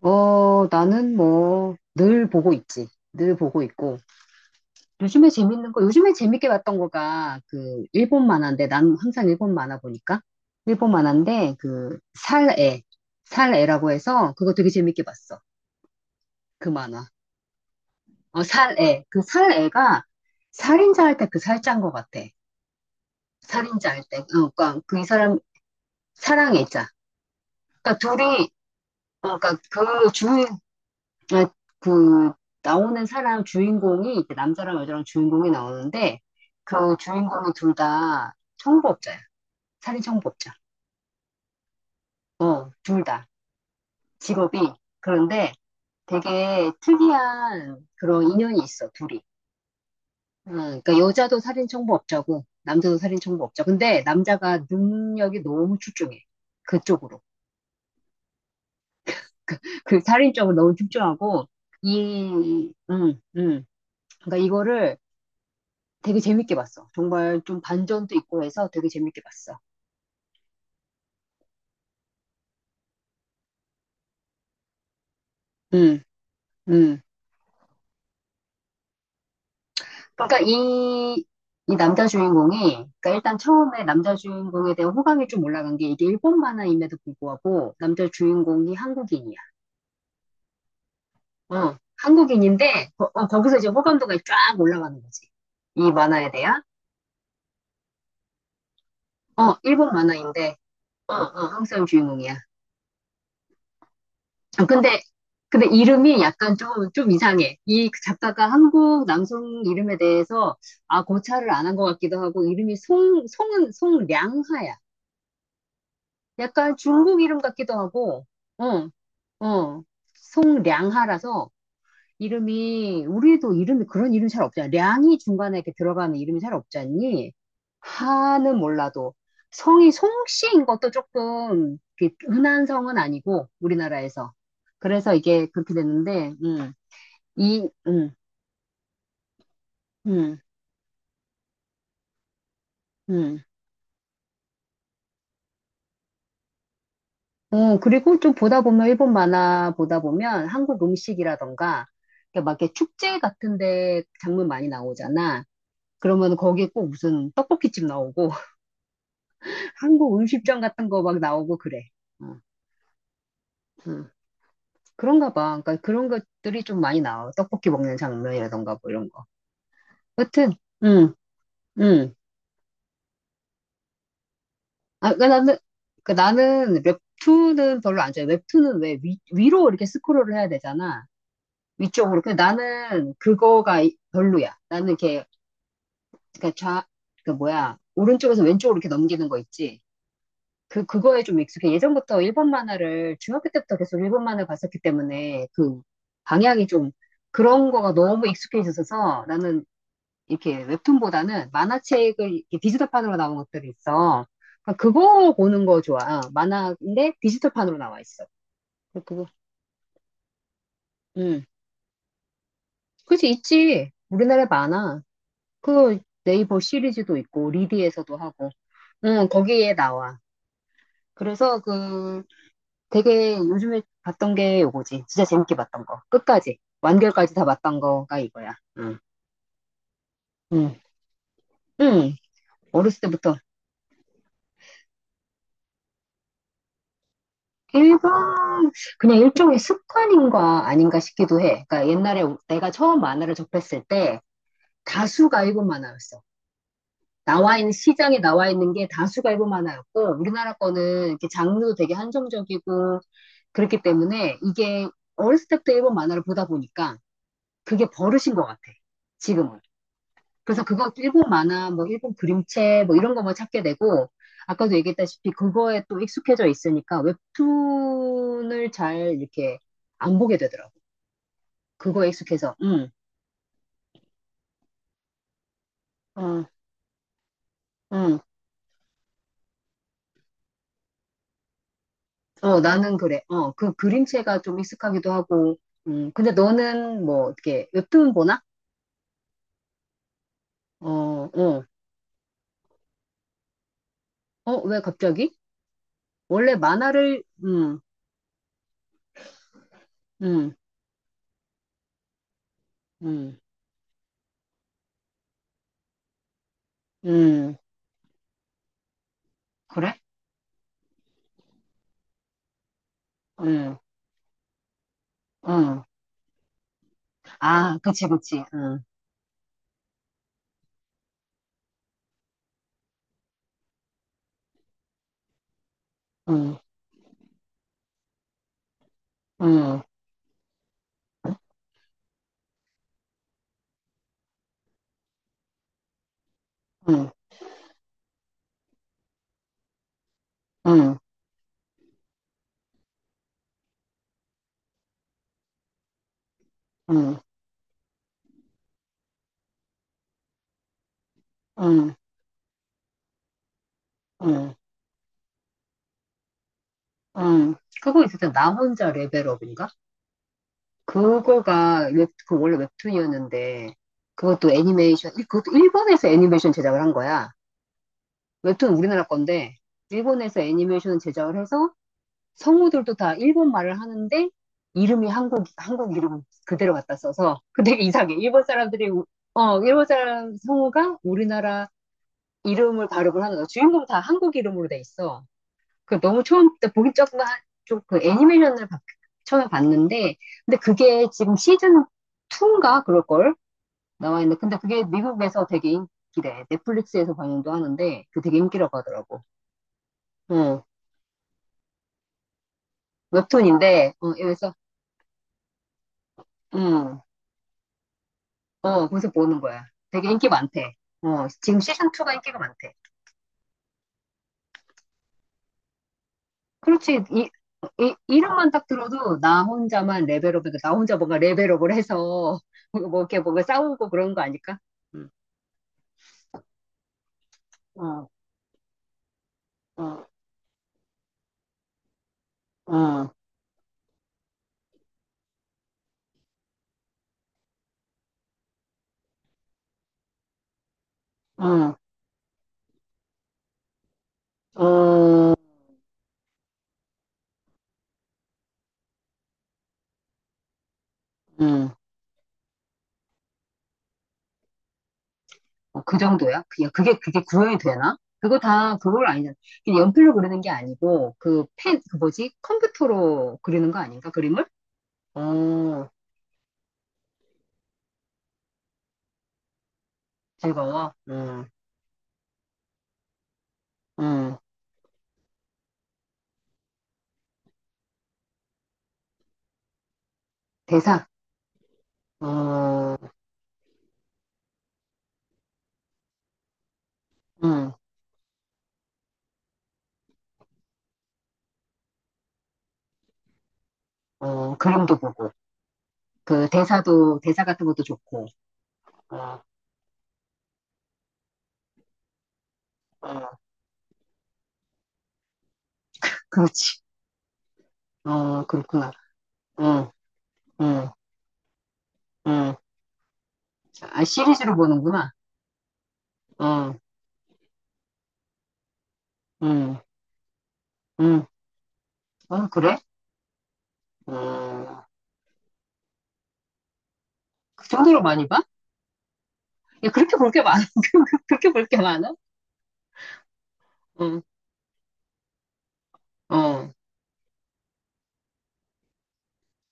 늘 보고 있지. 늘 보고 있고. 요즘에 재밌는 거, 요즘에 재밌게 봤던 거가, 일본 만화인데, 난 항상 일본 만화 보니까. 일본 만화인데, 살애. 살애라고 해서, 그거 되게 재밌게 봤어. 그 만화. 살애. 그 살애가, 살인자 할 때 그 살자인 것 같아. 살인자 할 때. 그 이 사람, 사랑의자. 둘이, 어, 그니까, 그 주, 아, 그 나오는 사람 주인공이 이제 남자랑 여자랑 주인공이 나오는데 그 주인공이 둘 다 청부업자야. 살인 청부업자. 어, 둘 다. 직업이. 그런데 되게 특이한 그런 인연이 있어, 둘이. 어, 그러니까 여자도 살인 청부업자고 남자도 살인 청부업자. 근데 남자가 능력이 너무 출중해. 그쪽으로. 그 살인 쪽으로 너무 출중하고 이 그러니까 이거를 되게 재밌게 봤어. 정말 좀 반전도 있고 해서 되게 재밌게 봤어. 음, 음. 그러니까 이 남자 주인공이, 그러니까 일단 처음에 남자 주인공에 대한 호감이 좀 올라간 게 이게 일본 만화임에도 불구하고 남자 주인공이 한국인이야. 한국인인데, 거기서 이제 호감도가 쫙 올라가는 거지. 이 만화에 대한. 어, 일본 만화인데, 한국 사람 주인공이야. 아, 근데, 근데 이름이 약간 좀, 좀 이상해. 이 작가가 한국 남성 이름에 대해서, 아, 고찰을 안 한 것 같기도 하고, 이름이 송량하야. 약간 중국 이름 같기도 하고, 어, 어, 송량하라서, 이름이, 우리도 이름이 그런 이름 잘 없잖아. 량이 중간에 이렇게 들어가는 이름이 잘 없지 않니? 하는 몰라도. 성이 송씨인 것도 조금 이렇게 흔한 성은 아니고, 우리나라에서. 그래서 이게 그렇게 됐는데, 이, 음, 음, 음. 어, 그리고 좀 보다 보면, 일본 만화 보다 보면 한국 음식이라던가, 이렇게 막 이렇게 축제 같은 데 장면 많이 나오잖아. 그러면 거기에 꼭 무슨 떡볶이집 나오고, 한국 음식점 같은 거 막 나오고 그래. 어, 음. 그런가 봐. 그러니까 그런 것들이 좀 많이 나와. 떡볶이 먹는 장면이라던가 뭐 이런 거. 여튼, 음, 음. 아, 그러니까 나는 웹툰은 별로 안 좋아해. 웹툰은 왜 위로 이렇게 스크롤을 해야 되잖아. 위쪽으로. 근데 나는 그거가 별로야. 나는 이렇게, 그러니까 좌, 그 뭐야. 오른쪽에서 왼쪽으로 이렇게 넘기는 거 있지. 그거에 좀 익숙해. 예전부터 일본 만화를, 중학교 때부터 계속 일본 만화 봤었기 때문에, 방향이 좀, 그런 거가 너무 익숙해져서 나는 이렇게 웹툰보다는 만화책을 이렇게 디지털판으로 나온 것들이 있어. 그러니까 그거 보는 거 좋아. 어, 만화인데 디지털판으로 나와 있어. 그거, 음. 그치, 있지. 우리나라에 많아. 그 네이버 시리즈도 있고, 리디에서도 하고, 응, 거기에 나와. 그래서 그, 되게 요즘에 봤던 게 요거지. 진짜 재밌게 봤던 거. 끝까지. 완결까지 다 봤던 거가 이거야. 응. 응. 응. 어렸을 때부터. 일본, 그냥 일종의 습관인가 아닌가 싶기도 해. 그러니까 옛날에 내가 처음 만화를 접했을 때 다수가 일본 만화였어. 시장에 나와 있는 게 다수가 일본 만화였고, 우리나라 거는 이렇게 장르도 되게 한정적이고, 그렇기 때문에 이게 어렸을 때부터 일본 만화를 보다 보니까 그게 버릇인 것 같아. 지금은. 그래서 그거 일본 만화, 뭐 일본 그림체, 뭐 이런 거만 찾게 되고, 아까도 얘기했다시피 그거에 또 익숙해져 있으니까 웹툰을 잘 이렇게 안 보게 되더라고. 그거에 익숙해서, 어, 응, 어, 나는 그래. 어, 그 그림체가 좀 익숙하기도 하고, 근데 너는 뭐 이렇게 웹툰 보나? 어, 어, 어, 왜 갑자기? 원래 만화를, 음, 음, 음, 음, 그래? 음, 음. 아, 그치, 그치. 음, 음. 응, 응, 응, 응, 응, 응. 하 있을 때 나 혼자 레벨업인가? 그 원래 웹툰이었는데, 그것도 일본에서 애니메이션 제작을 한 거야. 웹툰 우리나라 건데, 일본에서 애니메이션 제작을 해서 성우들도 다 일본 말을 하는데, 이름이 한국 이름 그대로 갖다 써서, 근데 되게 이상해. 일본 사람들이, 어, 일본 사람 성우가 우리나라 이름을 발음을 하는 거야. 주인공 다 한국 이름으로 돼 있어. 그 너무 처음 때 보기 조금 좀그 애니메이션을 바- 처음에 봤는데 근데 그게 지금 시즌 2인가 그럴걸 나와 있는데 근데 그게 미국에서 되게 인기래. 넷플릭스에서 방영도 하는데 그 되게 인기라고 하더라고. 어 웹툰인데 어 그래서 음어 거기서 보는 거야. 되게 인기 많대. 어, 지금 시즌 2가 인기가 많대. 그렇지. 이 이름만 딱 들어도 나 혼자만 레벨업이고 나 혼자 뭔가 레벨업을 해서 뭐 이렇게 뭔가 싸우고 그런 거 아닐까? 음. 어. 어, 어, 어, 어, 음. 어, 그 정도야? 그냥 그게 구현이 되나? 그걸 아니잖아. 그냥 연필로 그리는 게 아니고, 그 뭐지? 컴퓨터로 그리는 거 아닌가? 그림을? 어, 즐거워. 음. 대사, 어, 음, 그림도 보고, 그 대사 같은 것도 좋고, 어, 어, 그렇지. 어, 그렇구나. 응, 응, 응. 아, 시리즈로 보는구나. 응, 응, 응. 어, 그래? 어, 그 정도로 많이 봐? 야, 그렇게 볼 게 많아? 그렇게 볼게 많아? 응, 어,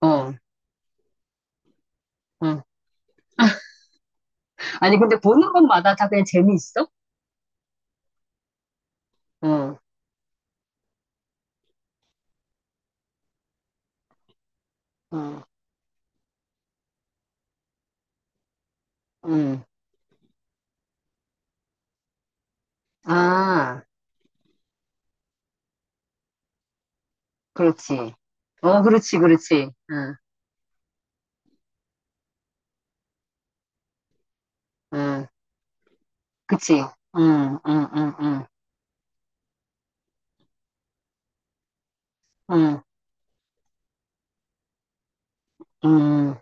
어, 어. 아니, 근데 보는 것마다 다 그냥 재미있어? 응, 응, 응. 아, 그렇지. 어, 그렇지, 그렇지. 응, 응, 그치. 응, 응, 응, 응, 응, 응.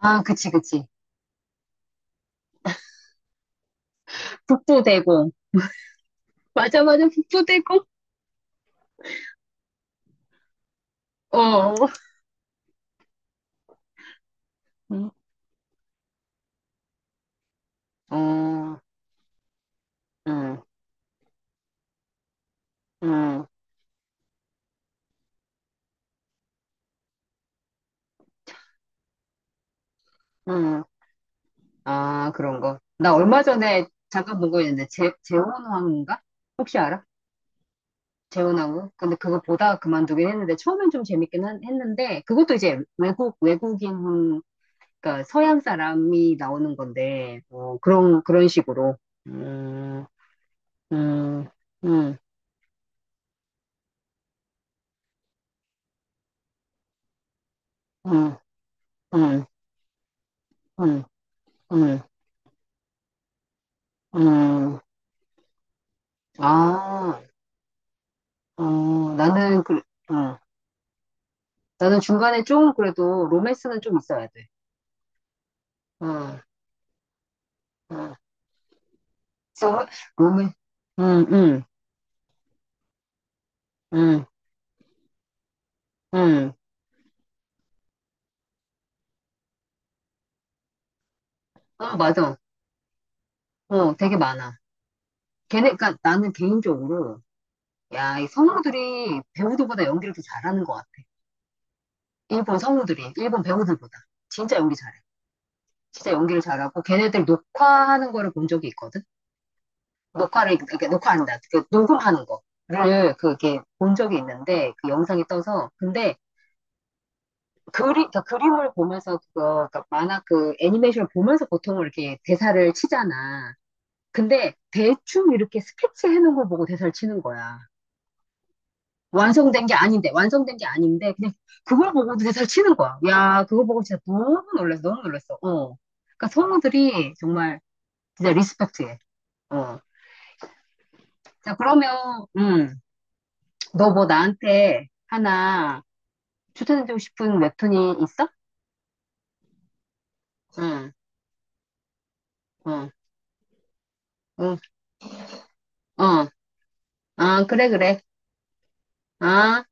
아, 그치, 그치. 북부대공. 맞아, 맞아, 북부대공. 어, 어, 응, 어, 응, 응, 응. 아, 그런 거. 나 얼마 전에 잠깐 본 거 있는데, 재혼왕후인가? 혹시 알아? 재혼왕후? 근데 그거 보다가 그만두긴 했는데, 처음엔 좀 재밌긴 한- 했는데, 그것도 이제 외국, 외국인, 그러니까 서양 사람이 나오는 건데, 어, 그런 식으로. 음, 음, 음, 음, 음, 음, 음, 음. 음. 아, 어, 나는, 어, 나는 중간에 좀 그래도 로맨스는 좀 있어야 돼. 어. 어. 저, 몸맨 응, 응, 응, 응. 어, 맞아. 어, 되게 많아. 그니까 나는 개인적으로, 야, 이 성우들이 배우들보다 연기를 더 잘하는 것 같아. 일본 성우들이, 일본 배우들보다. 진짜 연기 잘해. 진짜 연기를 잘하고, 걔네들 녹화하는 거를 본 적이 있거든? 녹화를, 이렇게 녹화한다. 그 녹음하는 거를, 그게 본 적이 있는데, 그 영상이 떠서. 근데, 그림그 그림을 보면서, 그러니까 만화 그 애니메이션을 보면서 보통 이렇게 대사를 치잖아. 근데 대충 이렇게 스케치해 놓은 걸 보고 대사를 치는 거야. 아, 완성된 게 아닌데, 그냥 그걸 보고도 대사를 치는 거야. 야, 그거 보고 진짜 너무 놀랐어, 너무 놀랐어. 어. 그러니까 성우들이 정말 진짜 리스펙트해. 어. 자, 그러면, 너 뭐 나한테 하나 추천해주고 싶은 웹툰이 있어? 응, 응, 응, 어. 아, 그래, 그래. 아.